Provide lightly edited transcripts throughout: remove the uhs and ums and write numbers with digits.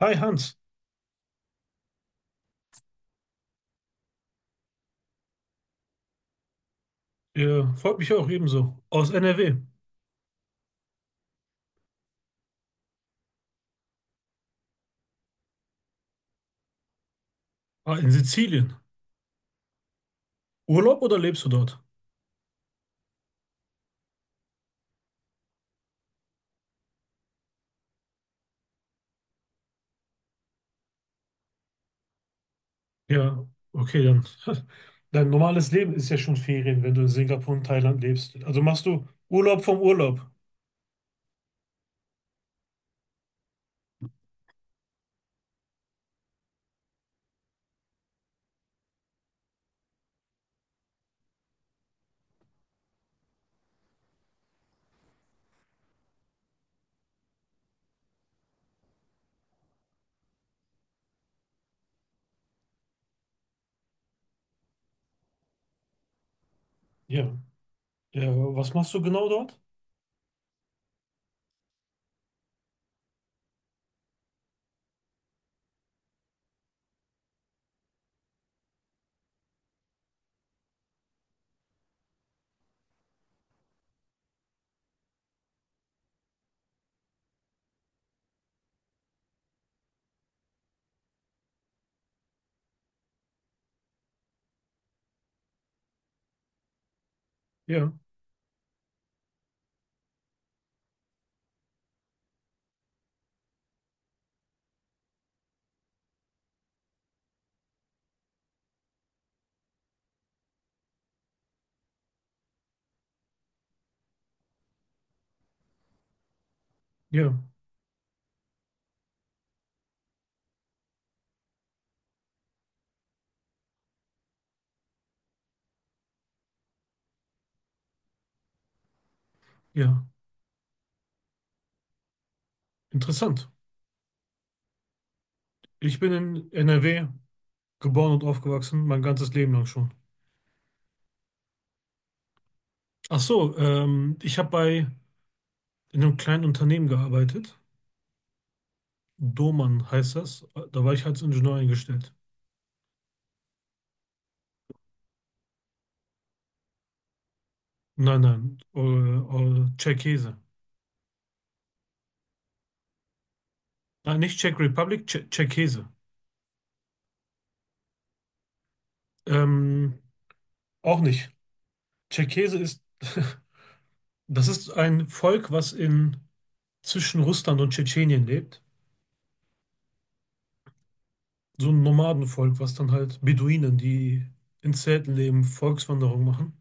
Hi Hans, freut mich auch ebenso. Aus NRW. Ah, in Sizilien. Urlaub oder lebst du dort? Ja, okay, dann. Dein normales Leben ist ja schon Ferien, wenn du in Singapur und Thailand lebst. Also machst du Urlaub vom Urlaub. Ja. Ja, was machst du genau dort? Ja, ja, ja. Interessant. Ich bin in NRW geboren und aufgewachsen, mein ganzes Leben lang schon. Ach so, ich habe bei in einem kleinen Unternehmen gearbeitet. Domann heißt das. Da war ich als Ingenieur eingestellt. Nein, Tscherkesse. Nein, nicht Czech Republic, Tscherkesse. Ähm, Auch nicht. Tscherkesse ist, das ist ein Volk, was in zwischen Russland und Tschetschenien lebt. So ein Nomadenvolk, was dann halt Beduinen, die in Zelten leben, Volkswanderung machen.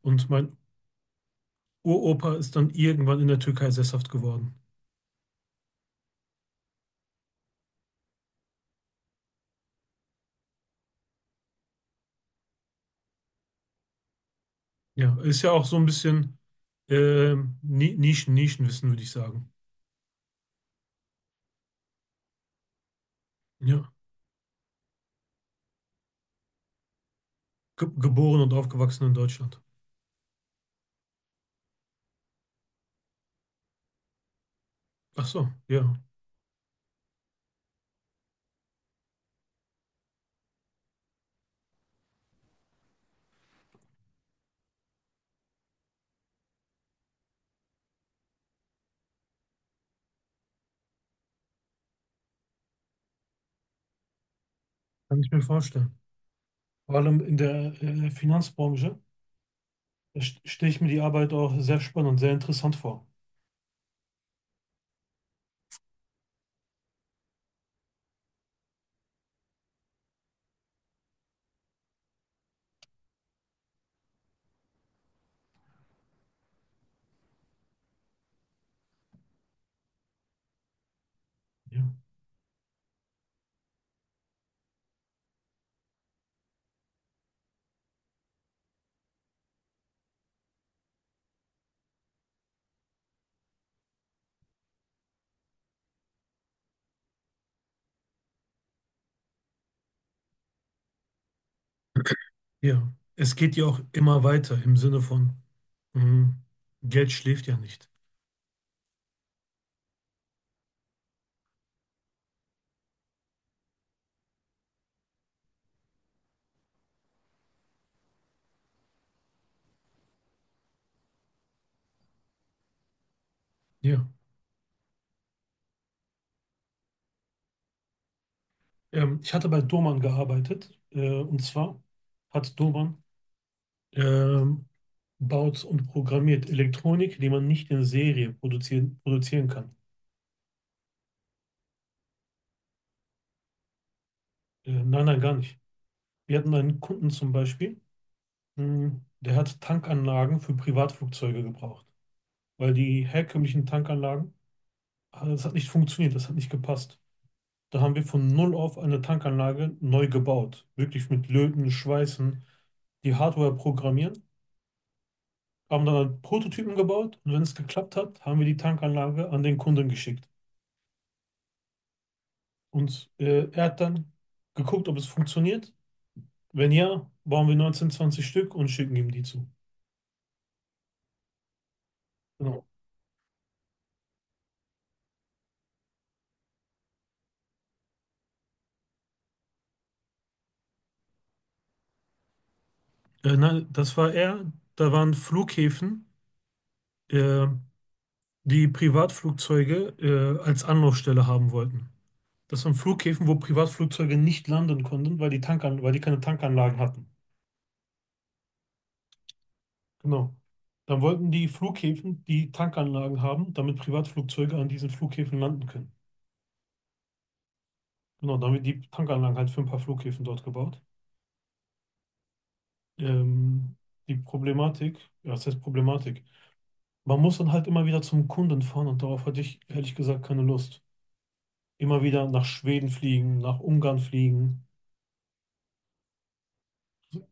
Und mein Uropa ist dann irgendwann in der Türkei sesshaft geworden. Ja, ist ja auch so ein bisschen Nischen, Nischenwissen, würde ich sagen. Ja, Ge geboren und aufgewachsen in Deutschland. Ach so, ja. Kann ich mir vorstellen. Vor allem in der Finanzbranche, da stelle ich mir die Arbeit auch sehr spannend und sehr interessant vor. Ja. Ja. Es geht ja auch immer weiter im Sinne von, mhm, Geld schläft ja nicht. Ja. Ich hatte bei Doman gearbeitet, und zwar hat Doman, ähm, baut und programmiert Elektronik, die man nicht in Serie produzieren kann. Nein, nein, gar nicht. Wir hatten einen Kunden zum Beispiel. Hm. Der hat Tankanlagen für Privatflugzeuge gebraucht, weil die herkömmlichen Tankanlagen, ah, das hat nicht funktioniert, das hat nicht gepasst. Da haben wir von null auf eine Tankanlage neu gebaut, wirklich mit Löten, Schweißen, die Hardware programmieren, haben dann Prototypen gebaut, und wenn es geklappt hat, haben wir die Tankanlage an den Kunden geschickt. Und er hat dann geguckt, ob es funktioniert. Wenn ja, bauen wir 19, 20 Stück und schicken ihm die zu. Genau. Nein, das war er. Da waren Flughäfen, äh, die Privatflugzeuge als Anlaufstelle haben wollten. Das waren Flughäfen, wo Privatflugzeuge nicht landen konnten, weil die Tankan weil die keine Tankanlagen hatten. Genau. Dann wollten die Flughäfen die Tankanlagen haben, damit Privatflugzeuge an diesen Flughäfen landen können. Genau, damit die Tankanlagen halt für ein paar Flughäfen dort gebaut. Ähm, Die Problematik, ja, was heißt Problematik? Man muss dann halt immer wieder zum Kunden fahren, und darauf hatte ich ehrlich gesagt keine Lust. Immer wieder nach Schweden fliegen, nach Ungarn fliegen.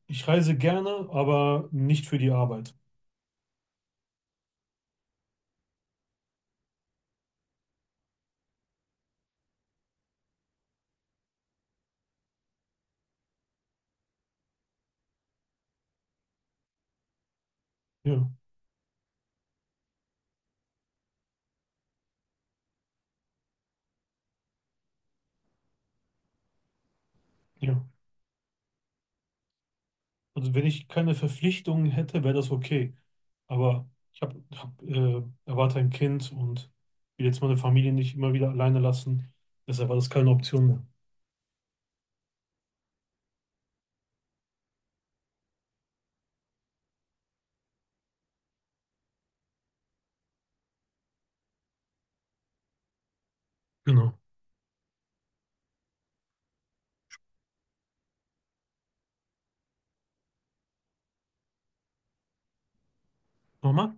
Ich reise gerne, aber nicht für die Arbeit. Ja, ja. Also wenn ich keine Verpflichtungen hätte, wäre das okay. Aber ich erwarte ein Kind und will jetzt meine Familie nicht immer wieder alleine lassen. Deshalb war das keine Option mehr. Genau. Nochmal.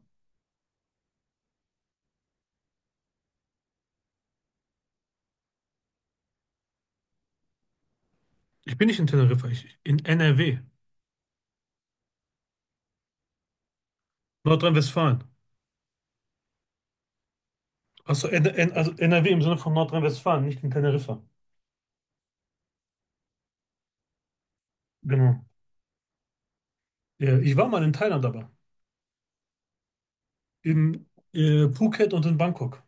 Ich bin nicht in Teneriffa, ich in NRW, Nordrhein-Westfalen. Also, N N also NRW im Sinne von Nordrhein-Westfalen, nicht in Teneriffa. Genau. Ja, ich war mal in Thailand aber. In Phuket und in Bangkok.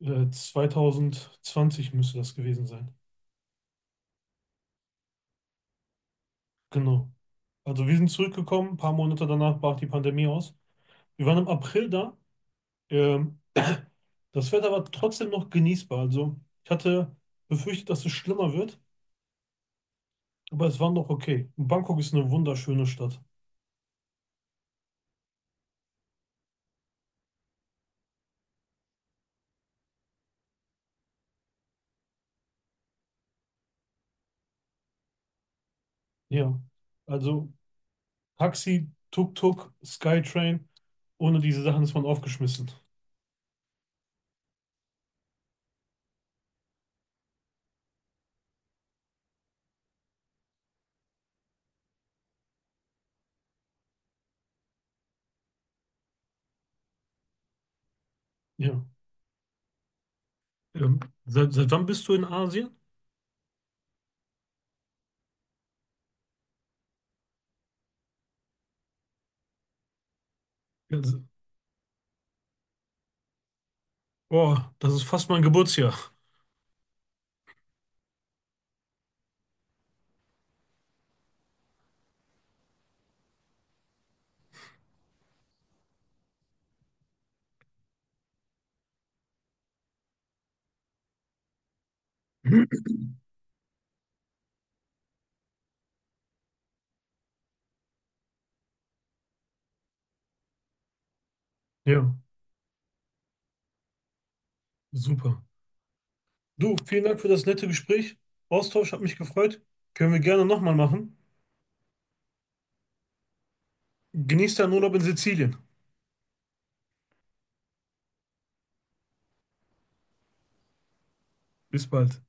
2020 müsste das gewesen sein. Genau. Also wir sind zurückgekommen, ein paar Monate danach brach die Pandemie aus. Wir waren im April da. Ähm, Das Wetter war trotzdem noch genießbar. Also ich hatte befürchtet, dass es schlimmer wird, aber es war noch okay. Und Bangkok ist eine wunderschöne Stadt. Ja. Also Taxi, Tuk-Tuk, Skytrain, ohne diese Sachen ist man aufgeschmissen. Ja. Ähm, seit wann bist du in Asien? Ja, boah, das ist fast mein Geburtsjahr. Ja. Super. Du, vielen Dank für das nette Gespräch. Austausch hat mich gefreut. Können wir gerne nochmal machen. Genießt deinen Urlaub in Sizilien. Bis bald.